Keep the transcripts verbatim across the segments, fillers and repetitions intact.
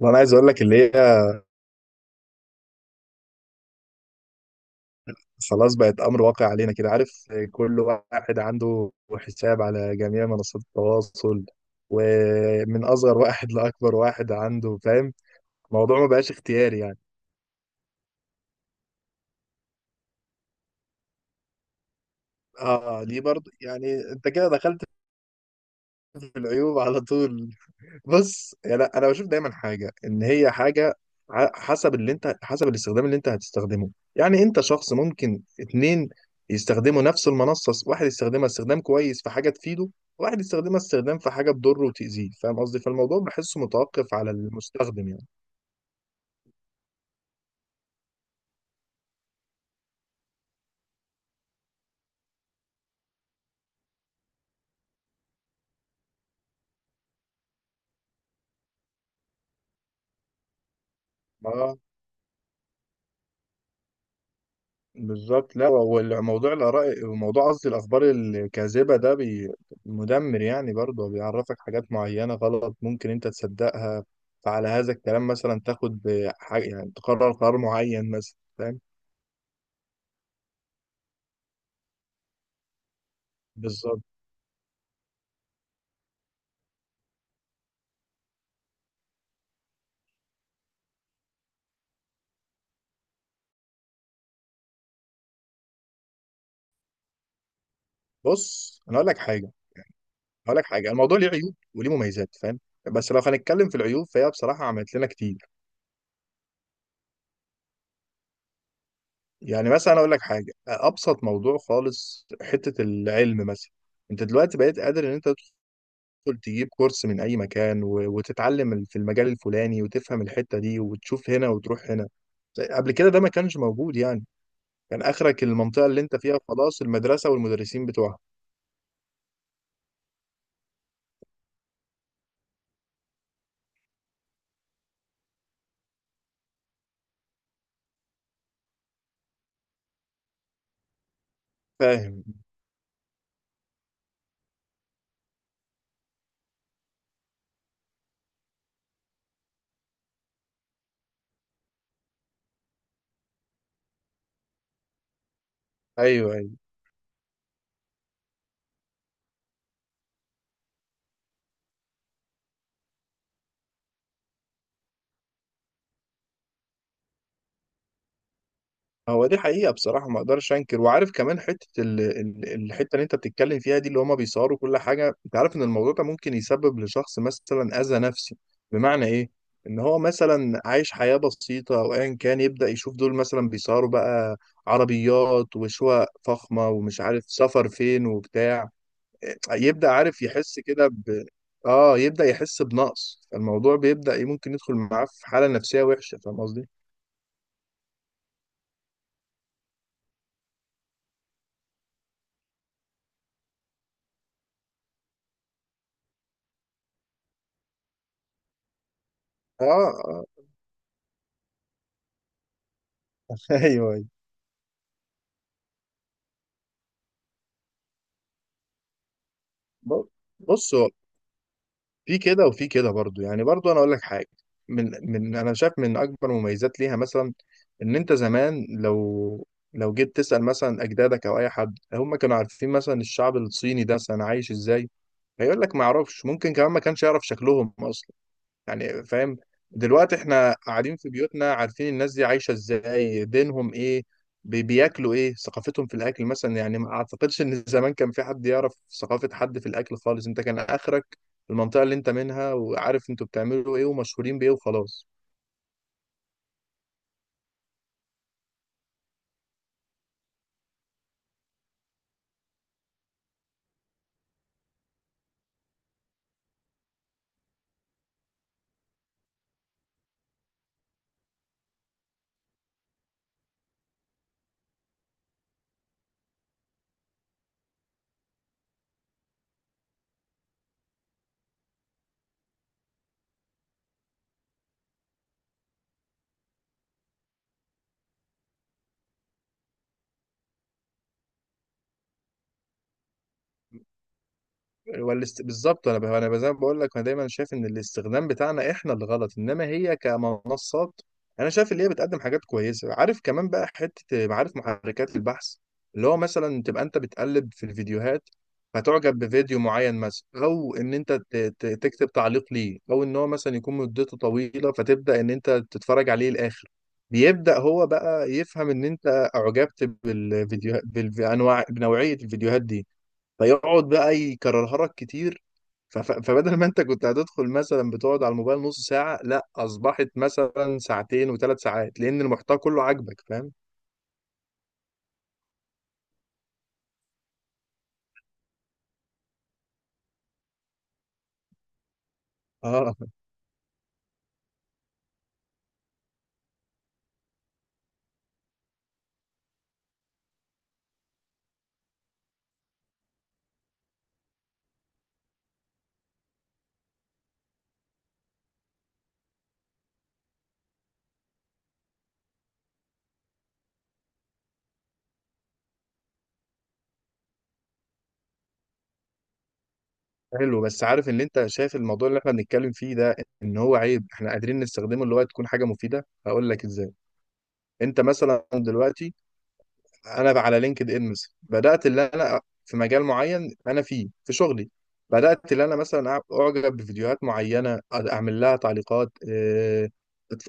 وانا عايز اقول لك اللي هي خلاص بقت امر واقع علينا، كده عارف؟ كل واحد عنده حساب على جميع منصات التواصل، ومن اصغر واحد لاكبر واحد عنده، فاهم؟ الموضوع ما بقاش اختياري يعني. اه ليه برضه يعني؟ انت كده دخلت في العيوب على طول. بص يعني انا بشوف دايما حاجه ان هي حاجه ع- حسب اللي انت، حسب الاستخدام اللي انت هتستخدمه. يعني انت شخص، ممكن اتنين يستخدموا نفس المنصه، واحد يستخدمها استخدام كويس في حاجه تفيده، وواحد يستخدمها استخدام في حاجه تضره وتاذيه. فاهم قصدي؟ فالموضوع بحسه متوقف على المستخدم يعني. بالظبط، لا، والموضوع الآراء وموضوع، قصدي الأخبار الكاذبة ده بي مدمر يعني. برضه بيعرفك حاجات معينة غلط ممكن أنت تصدقها، فعلى هذا الكلام مثلا تاخد حاجة يعني، تقرر قرار معين مثلا، فاهم؟ بالظبط. بص أنا أقول لك حاجة، أقول لك حاجة، الموضوع ليه عيوب وليه مميزات، فاهم؟ بس لو هنتكلم في العيوب فهي بصراحة عملت لنا كتير. يعني مثلا أقول لك حاجة، أبسط موضوع خالص، حتة العلم مثلا. أنت دلوقتي بقيت قادر إن أنت تدخل تجيب كورس من أي مكان و- وتتعلم ال- في المجال الفلاني، وتفهم الحتة دي، وتشوف هنا وتروح هنا. قبل كده ده ما كانش موجود يعني. كان آخرك المنطقة اللي أنت فيها خلاص، المدرسة والمدرسين بتوعها، فاهم؟ أيوه أيوه. هو دي حقيقة بصراحة، ما اقدرش انكر، وعارف كمان حتة ال... ال- الحتة اللي انت بتتكلم فيها دي، اللي هما بيصوروا كل حاجة. انت عارف ان الموضوع ده ممكن يسبب لشخص مثلا اذى نفسي. بمعنى ايه؟ ان هو مثلا عايش حياة بسيطة او ايا كان، يبدأ يشوف دول مثلا بيصوروا بقى عربيات وشقق فخمة ومش عارف سفر فين وبتاع. يبدأ عارف يحس كده ب... اه، يبدأ يحس بنقص. الموضوع بيبدأ إيه، ممكن يدخل معاه في حالة نفسية وحشة، فاهم قصدي؟ اه اه. ايوه. ب- بص هو في كده وفي كده برضو يعني. برضو انا اقول لك حاجه، من من انا شايف من اكبر مميزات ليها مثلا، ان انت زمان لو لو جيت تسال مثلا اجدادك او اي حد، هم كانوا عارفين مثلا الشعب الصيني ده مثلا عايش ازاي؟ هيقول لك ما يعرفش، ممكن كمان ما كانش يعرف شكلهم اصلا يعني، فاهم؟ دلوقتي احنا قاعدين في بيوتنا عارفين الناس دي عايشة ازاي، دينهم ايه، بي- بياكلوا ايه، ثقافتهم في الاكل مثلا. يعني ما اعتقدش ان زمان كان في حد يعرف ثقافة حد في الاكل خالص. انت كان اخرك المنطقة اللي انت منها، وعارف انتوا بتعملوا ايه ومشهورين بايه وخلاص. والاست... بالظبط. انا انا زي ما بقول لك، انا دايما شايف ان الاستخدام بتاعنا احنا اللي غلط، انما هي كمنصات انا شايف ان هي بتقدم حاجات كويسه. عارف كمان بقى حته معارف محركات البحث، اللي هو مثلا تبقى انت بتقلب في الفيديوهات، فتعجب بفيديو معين مثلا، او ان انت ت... ت... تكتب تعليق ليه، او ان هو مثلا يكون مدته طويله فتبدا ان انت تتفرج عليه الاخر. بيبدا هو بقى يفهم ان انت اعجبت بالفيديو، بالانواع، بنوعيه الفيديوهات دي، فيقعد بقى يكررها لك كتير. ف- ف- فبدل ما انت كنت هتدخل مثلا بتقعد على الموبايل نص ساعة، لا اصبحت مثلا ساعتين وثلاث ساعات، لان المحتوى كله عاجبك، فاهم؟ اه. حلو، بس عارف ان انت شايف الموضوع اللي احنا بنتكلم فيه ده ان هو عيب، احنا قادرين نستخدمه اللي هو تكون حاجة مفيدة. هقول لك ازاي. انت مثلا دلوقتي، انا بقى على لينكد ان مثلا، بدات اللي انا في مجال معين انا فيه في شغلي، بدات اللي انا مثلا أع- اعجب بفيديوهات معينه، اعمل لها تعليقات، آه،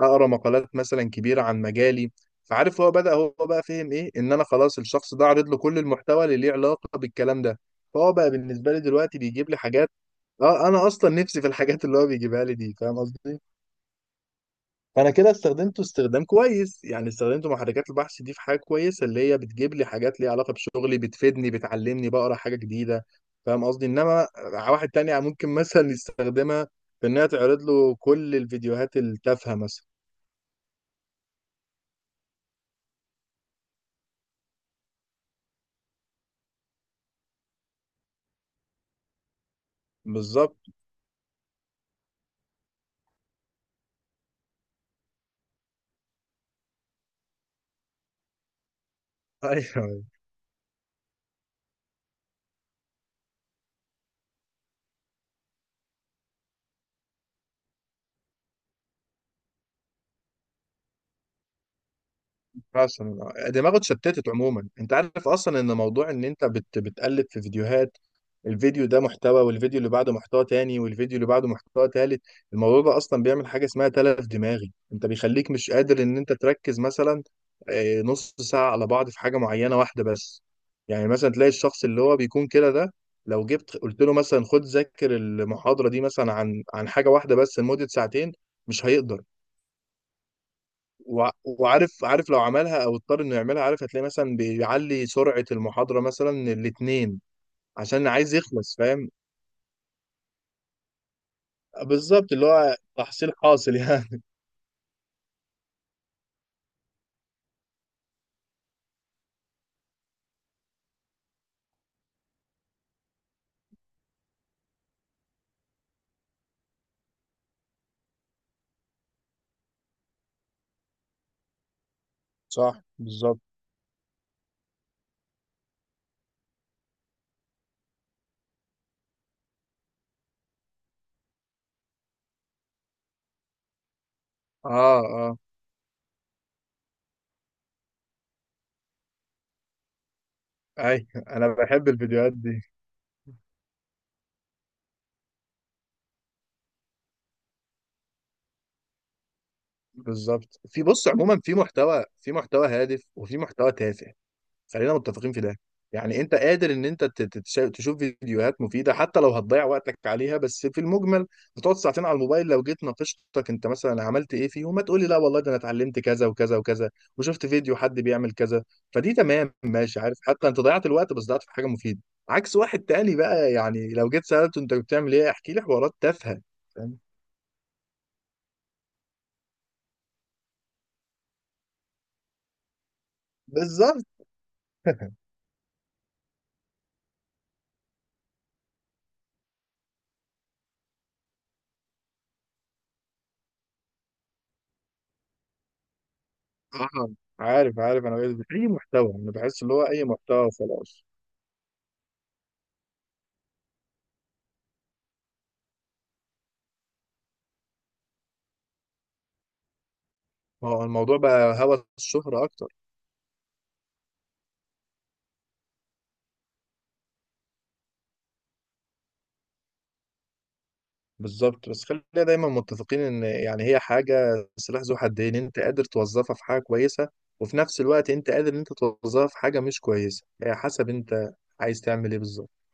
اقرا مقالات مثلا كبيره عن مجالي. فعارف هو بدا، هو بقى فهم ايه، ان انا خلاص الشخص ده عرض له كل المحتوى اللي ليه علاقه بالكلام ده. فهو بقى بالنسبه لي دلوقتي بيجيب لي حاجات اه انا اصلا نفسي في الحاجات اللي هو بيجيبها لي دي، فاهم قصدي؟ فانا كده استخدمته استخدام كويس يعني، استخدمت محركات البحث دي في حاجه كويسه، اللي هي بتجيب لي حاجات ليها علاقه بشغلي، بتفيدني، بتعلمني، بقرا حاجه جديده، فاهم قصدي؟ انما واحد تاني ممكن مثلا يستخدمها في انها تعرض له كل الفيديوهات التافهه مثلا. بالظبط. ايوه. اصلا دماغه اتشتتت عموما. انت عارف اصلا ان موضوع ان انت بت... بتقلب في فيديوهات، الفيديو ده محتوى، والفيديو اللي بعده محتوى تاني، والفيديو اللي بعده محتوى تالت، الموضوع ده اصلا بيعمل حاجه اسمها تلف دماغي. انت بيخليك مش قادر ان انت تركز مثلا آه، نص ساعه على بعض في حاجه معينه واحده بس. يعني مثلا تلاقي الشخص اللي هو بيكون كده ده، لو جبت قلت له مثلا خد ذاكر المحاضره دي مثلا عن عن حاجه واحده بس لمده ساعتين، مش هيقدر. وع- وعارف عارف لو عملها او اضطر انه يعملها، عارف هتلاقي مثلا بيعلي سرعة المحاضرة مثلا الاتنين، عشان عايز يخلص، فاهم؟ بالظبط، اللي هو تحصيل حاصل يعني. صح، بالظبط. اه اه، اي انا بحب الفيديوهات دي. بالظبط. في، بص عموما في محتوى، في محتوى هادف وفي محتوى تافه، خلينا متفقين في ده. يعني انت قادر ان انت ت- ت- تش- تشوف فيديوهات مفيده حتى لو هتضيع وقتك عليها، بس في المجمل بتقعد ساعتين على الموبايل، لو جيت ناقشتك انت مثلا عملت ايه فيه، وما تقولي لا والله ده انا اتعلمت كذا وكذا وكذا، وشفت فيديو حد بيعمل كذا، فدي تمام ماشي، عارف، حتى انت ضيعت الوقت بس ضيعت في حاجه مفيده. عكس واحد تاني بقى، يعني لو جيت سالته انت بتعمل ايه، احكي لي حوارات تافهه، فاهم؟ بالظبط. آه، عارف عارف، انا بقيت- اي محتوى، انا بحس اللي هو اي محتوى خلاص. ما هو الموضوع بقى هوس الشهرة أكتر. بالظبط، بس خلينا دايما متفقين إن يعني هي حاجة، سلاح ذو حدين، أنت قادر توظفها في حاجة كويسة، وفي نفس الوقت أنت قادر إن أنت توظفها في حاجة مش كويسة، هي حسب أنت عايز تعمل إيه بالظبط.